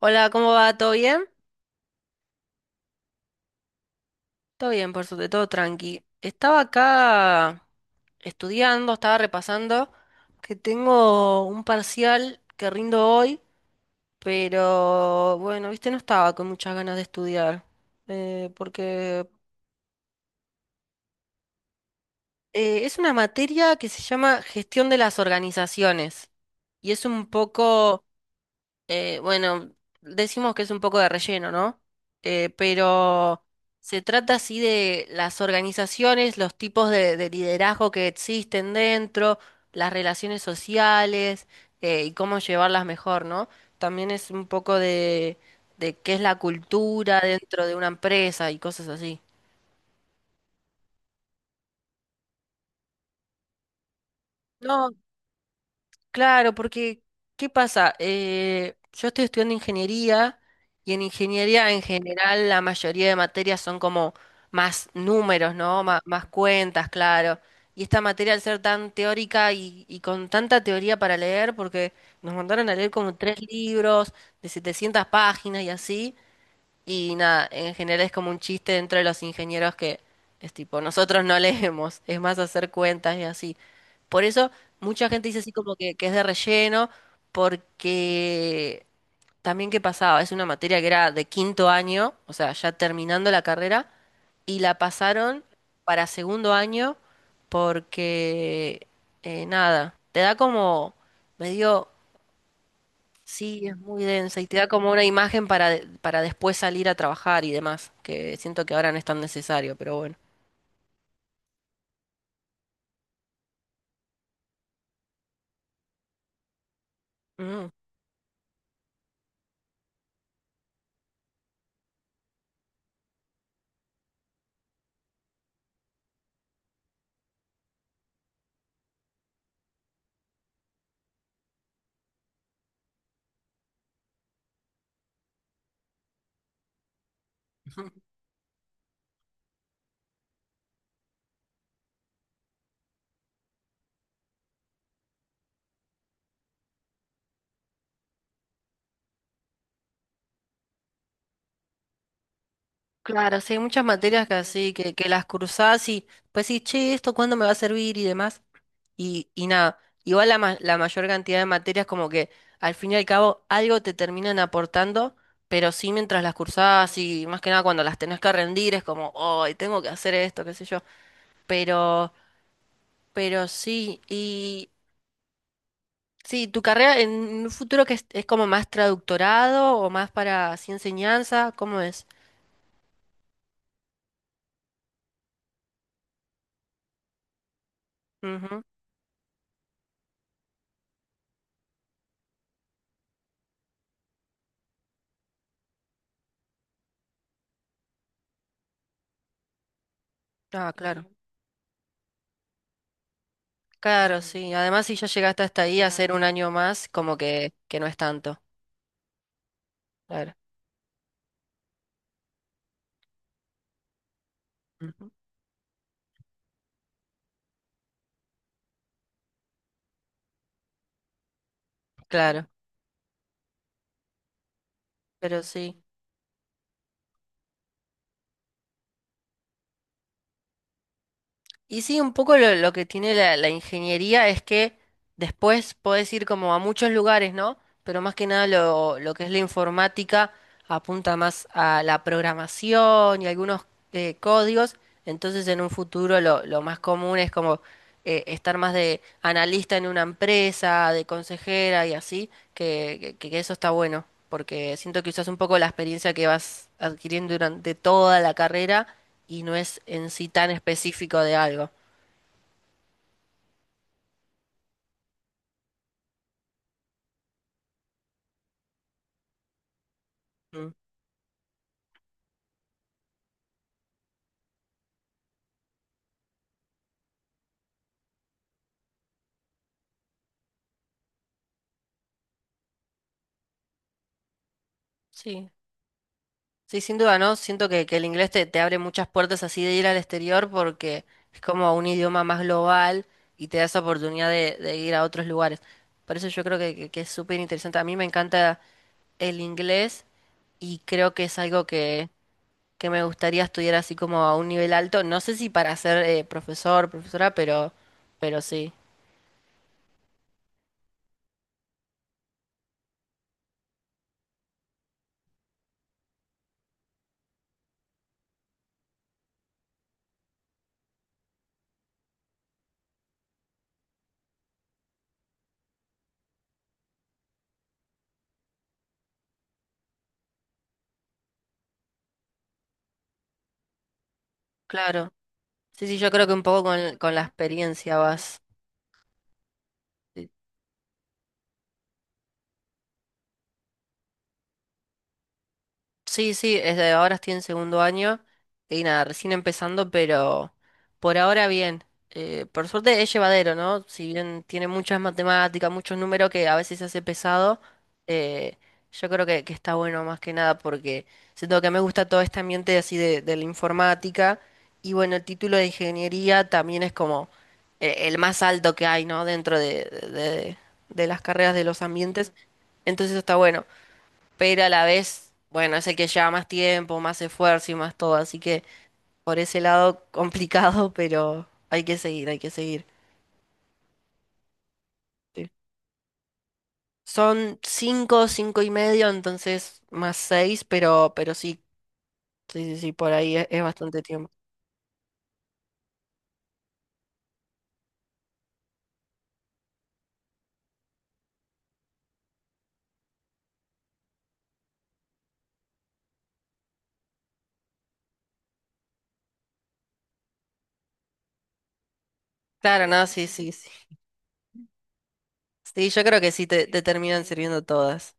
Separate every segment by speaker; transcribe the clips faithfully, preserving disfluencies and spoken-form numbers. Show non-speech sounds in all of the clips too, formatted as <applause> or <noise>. Speaker 1: Hola, ¿cómo va? ¿Todo bien? Todo bien, por suerte, todo tranqui. Estaba acá estudiando, estaba repasando que tengo un parcial que rindo hoy, pero bueno, viste, no estaba con muchas ganas de estudiar, eh, porque eh, es una materia que se llama gestión de las organizaciones y es un poco. Eh, bueno, decimos que es un poco de relleno, ¿no? Eh, pero se trata así de las organizaciones, los tipos de, de liderazgo que existen dentro, las relaciones sociales, eh, y cómo llevarlas mejor, ¿no? También es un poco de, de qué es la cultura dentro de una empresa y cosas así. No. Claro, porque, ¿qué pasa? Eh, yo estoy estudiando ingeniería y en ingeniería en general la mayoría de materias son como más números, ¿no? Má- más cuentas, claro. Y esta materia al ser tan teórica y, y con tanta teoría para leer, porque nos mandaron a leer como tres libros de setecientas páginas y así, y nada, en general es como un chiste dentro de los ingenieros que es tipo, nosotros no <laughs> leemos, es más hacer cuentas y así. Por eso mucha gente dice así como que, que es de relleno, porque también qué pasaba, es una materia que era de quinto año, o sea, ya terminando la carrera, y la pasaron para segundo año porque, eh, nada, te da como medio. Sí, es muy densa y te da como una imagen para, de- para después salir a trabajar y demás, que siento que ahora no es tan necesario, pero bueno. Mm. <laughs> Claro, sí, hay muchas materias que así, que, que las cruzás, y pues sí, che, ¿esto cuándo me va a servir? Y demás. Y, y nada, igual la, ma- la mayor cantidad de materias como que al fin y al cabo algo te terminan aportando, pero sí mientras las cursás y más que nada cuando las tenés que rendir es como, ay, tengo que hacer esto, qué sé yo. Pero, pero sí. Sí, tu carrera en un futuro, que es, es como más traductorado o más para así enseñanza, ¿cómo es? Ujú. Ah, claro. Ujú. Claro, mm, sí. Además, si ya llegaste hasta ahí a hacer un claro. año más, como que, que no es tanto. Claro. Ujú. Claro, pero sí. Y sí, un poco lo, lo que tiene la, la ingeniería es que después podés ir como a muchos lugares, ¿no? Pero más que nada lo, lo que es la informática apunta más a la programación y algunos, eh, códigos, entonces en un futuro lo, lo más común es como, eh, estar más de analista en una empresa, de consejera y así, que, que- que eso está bueno, porque siento que usas un poco la experiencia que vas adquiriendo durante toda la carrera, y no es en sí tan específico de algo. Mm. Sí. Sí, sin duda, ¿no? Siento que, que el inglés te, te abre muchas puertas así de ir al exterior porque es como un idioma más global y te da esa oportunidad de, de ir a otros lugares. Por eso yo creo que, que, que es súper interesante. A mí me encanta el inglés, y creo que es algo que, que me gustaría estudiar así como a un nivel alto. No sé si para ser eh, profesor, profesora, pero, pero sí. Claro. Sí, sí, yo creo que un poco con, con la experiencia vas. Sí, sí, es de- ahora estoy en segundo año y nada, recién empezando, pero por ahora bien. Eh, por suerte es llevadero, ¿no? Si bien tiene muchas matemáticas, muchos números que a veces se hace pesado, eh, yo creo que, que está bueno más que nada porque siento que me gusta todo este ambiente así de, de la informática, y bueno, el título de ingeniería también es como, eh, el más alto que hay, ¿no? Dentro de, de de- de las carreras, de los ambientes, entonces eso está bueno, pero a la vez, bueno, es el que lleva más tiempo, más esfuerzo y más todo, así que por ese lado complicado, <laughs> pero hay que seguir, hay que seguir. Sí. Son cinco, cinco y medio, entonces más seis, pero, pero sí, sí, sí, sí, por ahí es, es bastante tiempo. Claro, no, sí, sí, sí. Sí, yo creo que sí te, te terminan sirviendo todas.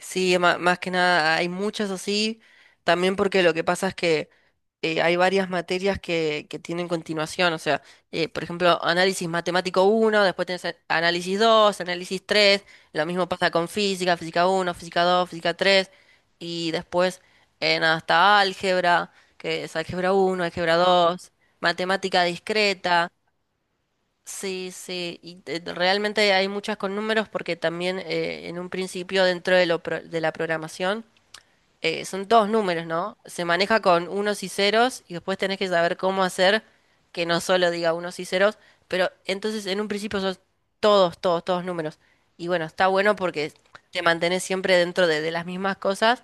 Speaker 1: Sí, ma- más que nada, hay muchas así, también porque lo que pasa es que, eh, hay varias materias que, que tienen continuación, o sea, eh, por ejemplo, análisis matemático uno, después tenés a- análisis dos, análisis tres; lo mismo pasa con física, física uno, física dos, física tres; y después en hasta álgebra, que es álgebra uno, álgebra dos, matemática discreta. Sí, sí, y te- realmente hay muchas con números, porque también, eh, en un principio dentro de, lo pro- de la programación, eh, son todos números, ¿no? Se maneja con unos y ceros, y después tenés que saber cómo hacer que no solo diga unos y ceros, pero entonces en un principio son todos, todos, todos números. Y bueno, está bueno porque te mantenés siempre dentro de, de las mismas cosas,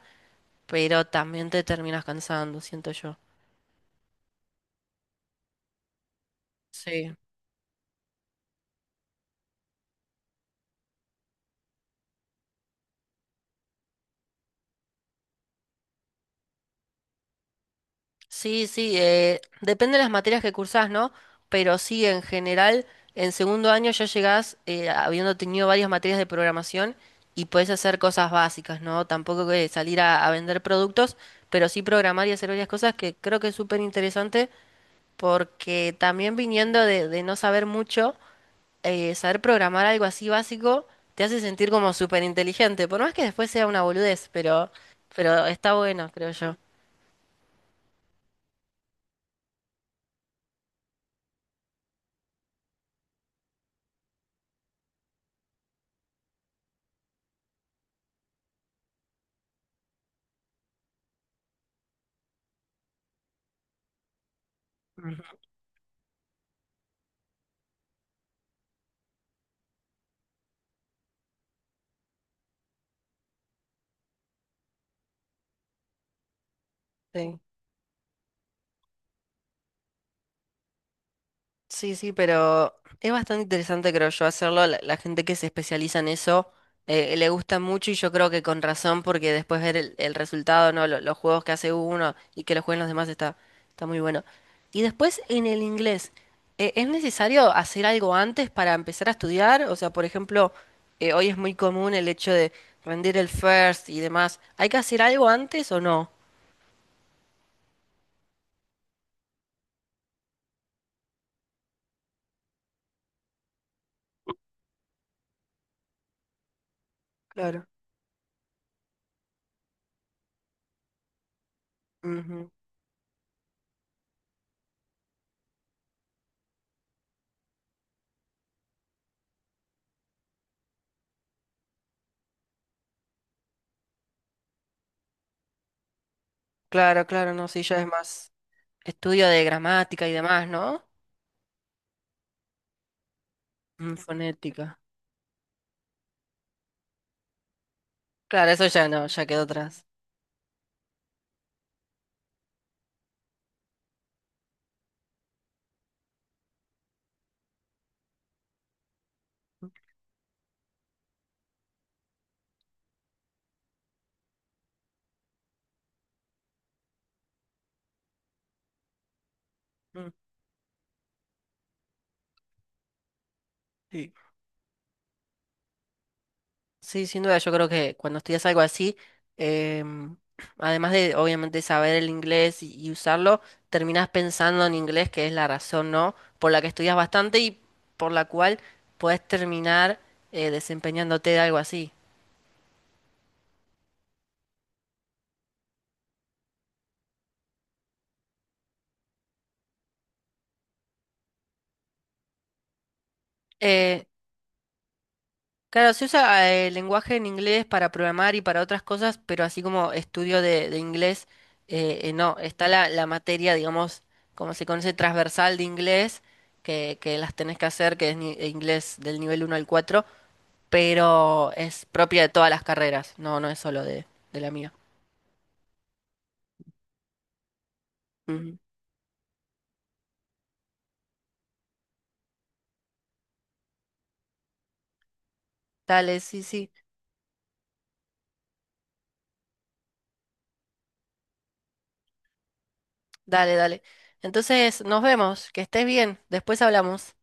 Speaker 1: pero también te terminas cansando, siento yo. Sí. Sí, sí, eh, depende de las materias que cursás, ¿no? Pero sí, en general, en segundo año ya llegás, eh, habiendo tenido varias materias de programación, y podés hacer cosas básicas, ¿no? Tampoco que salir a, a vender productos, pero sí programar y hacer varias cosas que creo que es súper interesante, porque también viniendo de, de no saber mucho, eh, saber programar algo así básico te hace sentir como súper inteligente, por más que después sea una boludez, pero, pero está bueno, creo yo. Sí. Sí, sí, pero es bastante interesante, creo yo, hacerlo. La, la gente que se especializa en eso, eh, le gusta mucho, y yo creo que con razón, porque después ver el, el resultado, ¿no? Lo- Los, juegos que hace uno y que los jueguen los demás está, está muy bueno. Y después en el inglés, eh, ¿es necesario hacer algo antes para empezar a estudiar? O sea, por ejemplo, eh, hoy es muy común el hecho de rendir el first y demás. ¿Hay que hacer algo antes o no? Claro. Ujú. Claro, claro, no, sí, ya es más estudio de gramática y demás, ¿no? Mm, fonética. Claro, eso ya no, ya quedó atrás. Mm, sí. Sí, sin duda, yo creo que cuando estudias algo así, em, <clears throat> además de obviamente saber el inglés y, y usarlo, terminás pensando en inglés, que es la razón, ¿no? Por la que estudias bastante y por la cual podés terminar, eh, desempeñándote de algo así. Eh, Claro, se usa, eh, el lenguaje en inglés para programar y para otras cosas, pero así como estudio de, de inglés, eh, eh, no, está la, la materia, digamos, como se conoce, transversal de inglés, que, que las tenés que hacer, que es ni- eh, inglés del nivel uno al cuatro, pero es propia de todas las carreras, no, no es solo de, de la mía. Ujú. Dale, sí, sí, dale, dale. Entonces, nos vemos, que estés bien, después hablamos.